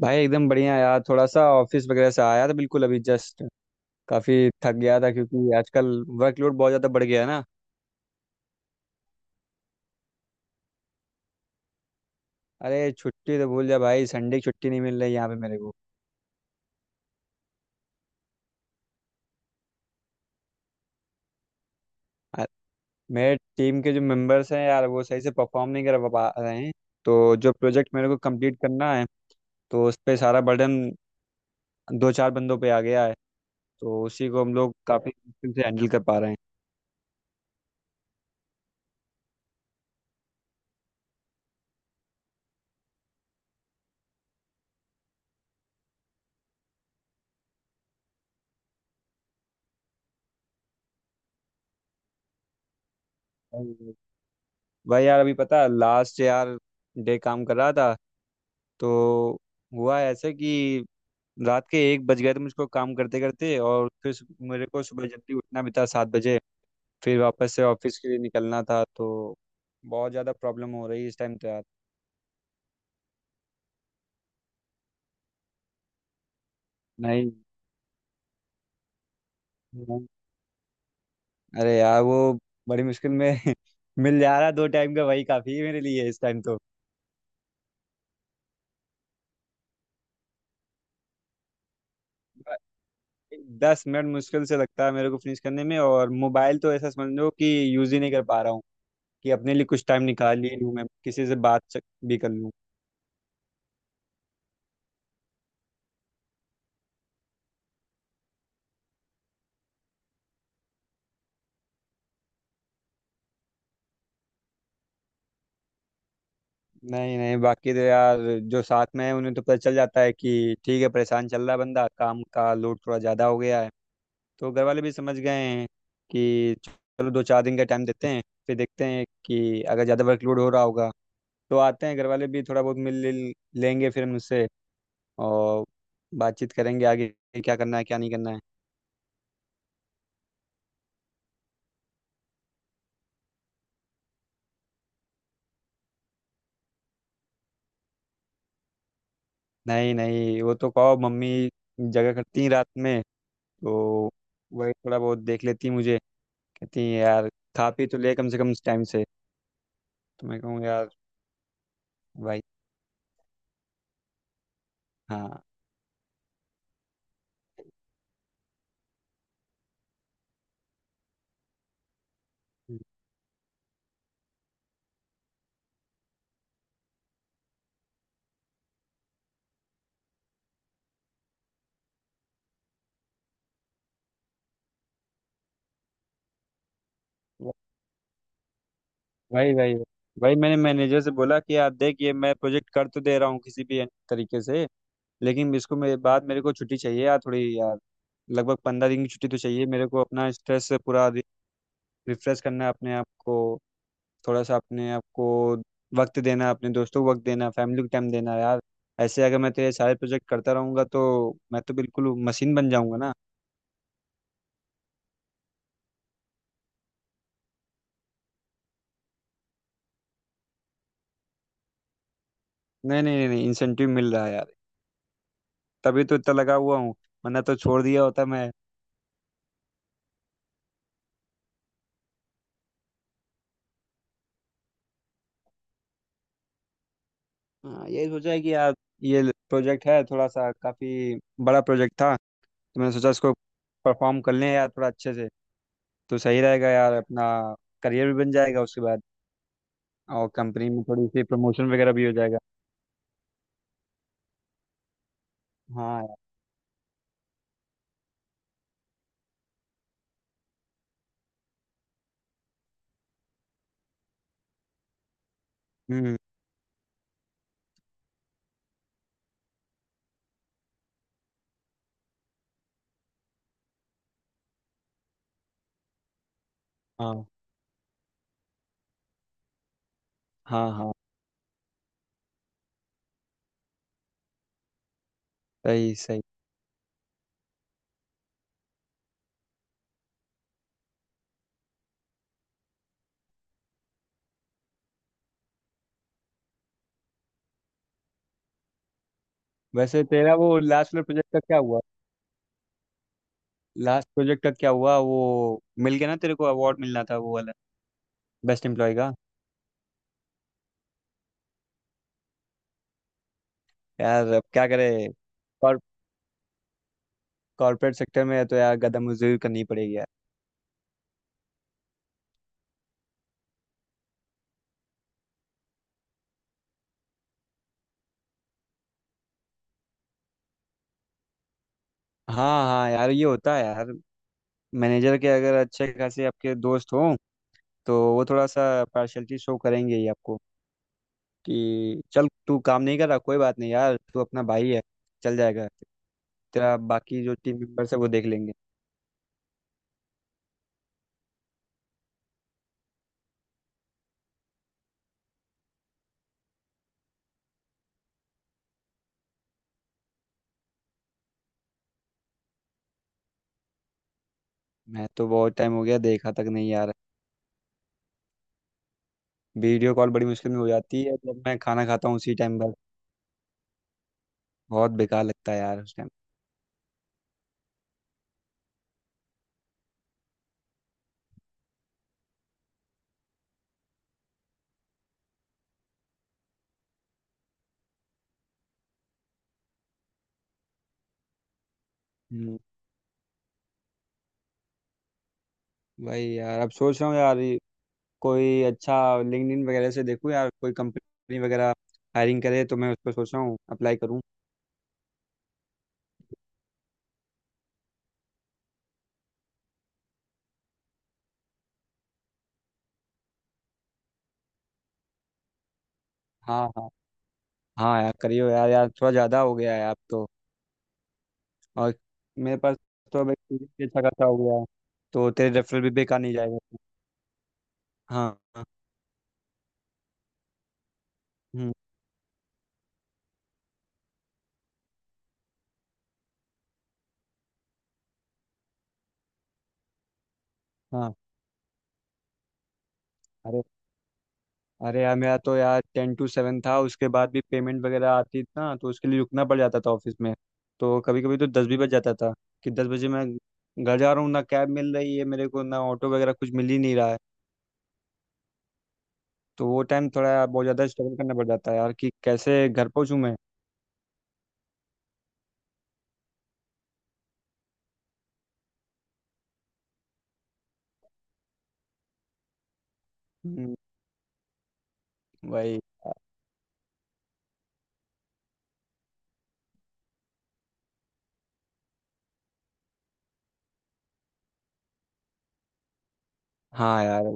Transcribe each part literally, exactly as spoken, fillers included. भाई एकदम बढ़िया यार, थोड़ा सा ऑफिस वगैरह से आया था बिल्कुल अभी जस्ट। काफी थक गया था क्योंकि आजकल वर्कलोड बहुत ज्यादा बढ़ गया है ना। अरे छुट्टी तो भूल जा भाई, संडे की छुट्टी नहीं मिल रही यहाँ पे मेरे को। आ- मेरे टीम के जो मेंबर्स हैं यार, वो सही से परफॉर्म नहीं कर पा रहे हैं। तो जो प्रोजेक्ट मेरे को कंप्लीट करना है, तो उस पे सारा बर्डन दो चार बंदों पे आ गया है। तो उसी को हम लोग काफी मुश्किल से हैंडल कर पा रहे हैं। भाई यार अभी पता, लास्ट यार डे काम कर रहा था, तो हुआ ऐसे कि रात के एक बज गए थे मुझको काम करते करते। और फिर सु- मेरे को सुबह जल्दी उठना भी था सात बजे, फिर वापस से ऑफिस के लिए निकलना था। तो बहुत ज़्यादा प्रॉब्लम हो रही है इस टाइम तो यार। नहीं नहीं। अरे यार वो बड़ी मुश्किल में मिल जा रहा है दो टाइम का, वही काफ़ी है मेरे लिए इस टाइम तो। दस मिनट मुश्किल से लगता है मेरे को फिनिश करने में, और मोबाइल तो ऐसा समझ लो कि यूज़ ही नहीं कर पा रहा हूँ कि अपने लिए कुछ टाइम निकाल ही लूँ, मैं किसी से बात च- भी कर लूँ। नहीं नहीं, बाकी तो यार जो साथ में है उन्हें तो पता चल जाता है कि ठीक है परेशान चल रहा है बंदा, काम का लोड थोड़ा ज़्यादा हो गया है। तो घर वाले भी समझ गए हैं कि चलो दो चार दिन का टाइम देते हैं, फिर देखते हैं कि अगर ज़्यादा वर्कलोड हो रहा होगा तो आते हैं घर वाले भी, थोड़ा बहुत मिल लिल लेंगे फिर मुझसे और बातचीत करेंगे आगे कि क्या करना है क्या नहीं करना है। नहीं नहीं, वो तो कहो मम्मी जगह करती हैं रात में, तो वही थोड़ा बहुत देख लेती हैं मुझे। कहती हैं यार खा पी तो ले कम से कम टाइम से, तो मैं कहूँ यार भाई। हाँ। भाई भाई भाई, मैंने मैनेजर से बोला कि यार देख, ये मैं प्रोजेक्ट कर तो दे रहा हूँ किसी भी तरीके से, लेकिन इसको मेरे बाद मेरे को छुट्टी चाहिए यार थोड़ी यार। लगभग पंद्रह दिन की छुट्टी तो चाहिए मेरे को, अपना स्ट्रेस से पूरा रिफ्रेश करना है अपने आप को, थोड़ा सा अपने आप को वक्त देना, अपने दोस्तों को वक्त देना, फैमिली को टाइम देना यार। ऐसे अगर मैं तेरे सारे प्रोजेक्ट करता रहूंगा तो मैं तो बिल्कुल मशीन बन जाऊंगा ना। नहीं नहीं नहीं नहीं, इंसेंटिव मिल रहा है यार, तभी तो इतना लगा हुआ हूँ, वरना तो छोड़ दिया होता मैं। हाँ, यही सोचा है कि यार ये प्रोजेक्ट है थोड़ा सा काफी बड़ा प्रोजेक्ट था, तो मैंने सोचा इसको परफॉर्म कर लें यार थोड़ा अच्छे से तो सही रहेगा यार, अपना करियर भी बन जाएगा उसके बाद, और कंपनी में थोड़ी सी प्रमोशन वगैरह भी हो जाएगा। हाँ यार। हम्म। हाँ हाँ। हाँ। सही सही। वैसे तेरा वो लास्ट वाला प्रोजेक्ट का क्या हुआ? लास्ट प्रोजेक्ट का क्या हुआ वो, मिल गया ना तेरे को? अवार्ड मिलना था वो वाला, बेस्ट एम्प्लॉय का। यार अब क्या करे, कॉर्पोरेट सेक्टर में है तो यार गदा मजदूरी करनी पड़ेगी यार। हाँ हाँ यार, ये होता है यार। मैनेजर के अगर अच्छे खासे आपके दोस्त हों, तो वो थोड़ा सा पार्शलिटी शो करेंगे ही आपको कि चल तू काम नहीं कर रहा कोई बात नहीं यार, तू अपना भाई है, चल जाएगा, तेरा बाकी जो टीम मेंबर्स है वो देख लेंगे। मैं तो बहुत टाइम हो गया देखा तक नहीं यार। वीडियो कॉल बड़ी मुश्किल में हो जाती है जब मैं खाना खाता हूँ उसी टाइम पर। बहुत बेकार लगता है यार उस टाइम। हम्म, वही यार अब सोच रहा हूँ यार, कोई अच्छा लिंक्डइन वगैरह से देखूँ, या कोई कंपनी वगैरह हायरिंग करे तो मैं उस पर सोच रहा हूँ अप्लाई करूँ। हाँ हाँ, हाँ यार करियो यार, यार थोड़ा ज़्यादा हो गया है आप तो। और मेरे पास तो अब एक्सपीरियंस भी अच्छा खासा हो गया है, तो तेरे रेफरल भी बेकार नहीं जाएगा। हाँ हाँ। हम्म, हाँ। अरे अरे यार, मेरा तो यार टेन टू सेवन था, उसके बाद भी पेमेंट वगैरह आती थी ना तो उसके लिए रुकना पड़ जाता था ऑफिस में। तो कभी कभी तो दस भी बज जाता था, कि दस बजे मैं घर जा रहा हूँ ना, कैब मिल रही है मेरे को ना ऑटो वगैरह कुछ मिल ही नहीं रहा है, तो वो टाइम थोड़ा बहुत ज़्यादा स्ट्रगल करना पड़ जाता है यार कि कैसे घर पहुंचूं मैं। हम्म, भाई। हाँ यार।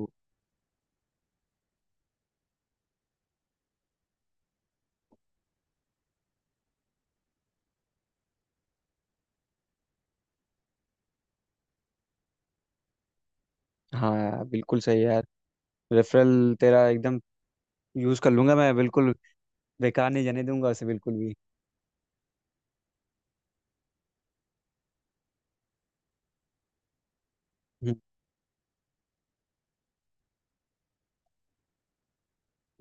हाँ यार बिल्कुल सही है यार, रेफरल तेरा एकदम यूज़ कर लूंगा मैं बिल्कुल, बेकार नहीं जाने दूंगा उसे बिल्कुल भी। हम्म,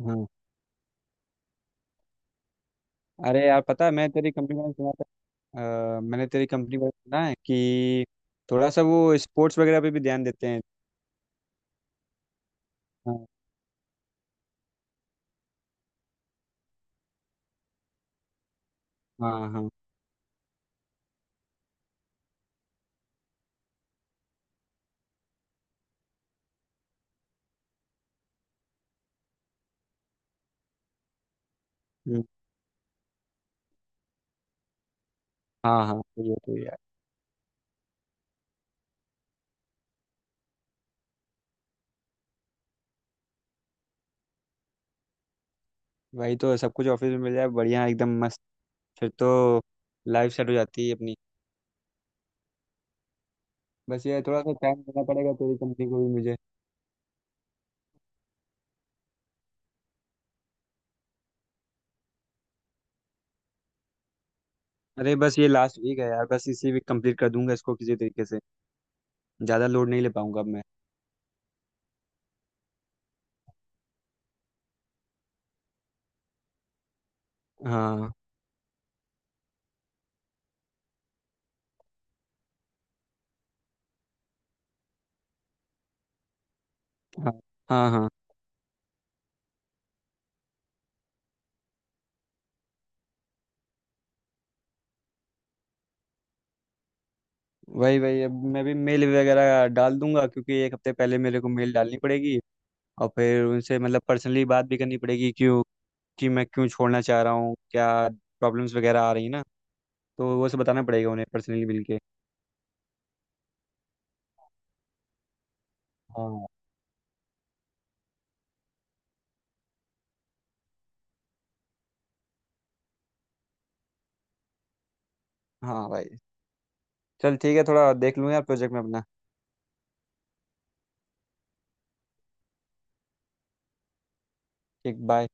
हाँ। अरे यार पता है, मैं तेरी कंपनी में सुना था अ, मैंने तेरी कंपनी में सुना है कि थोड़ा सा वो स्पोर्ट्स वगैरह पे भी ध्यान देते हैं। हाँ। हाँ हाँ। हम्म, हाँ हाँ सही है सही है यार। वही तो, सब कुछ ऑफिस में मिल जाए बढ़िया, एकदम मस्त, फिर तो लाइफ सेट हो जाती है अपनी। बस ये थोड़ा सा टाइम देना पड़ेगा तेरी कंपनी को भी मुझे। अरे बस ये लास्ट वीक है यार, बस इसी वीक कंप्लीट कर दूंगा इसको किसी तरीके से। ज़्यादा लोड नहीं ले पाऊंगा अब मैं। हाँ हाँ हाँ हाँ वही वही, अब मैं भी मेल वगैरह डाल दूंगा क्योंकि एक हफ्ते पहले मेरे को मेल डालनी पड़ेगी, और फिर उनसे मतलब पर्सनली बात भी करनी पड़ेगी, क्यों कि मैं क्यों छोड़ना चाह रहा हूँ, क्या प्रॉब्लम्स वगैरह आ रही है ना, तो वो सब बताना पड़ेगा उन्हें पर्सनली मिलके। हाँ। हाँ भाई, चल ठीक है, थोड़ा देख लूँ यार प्रोजेक्ट में अपना। ठीक, बाय।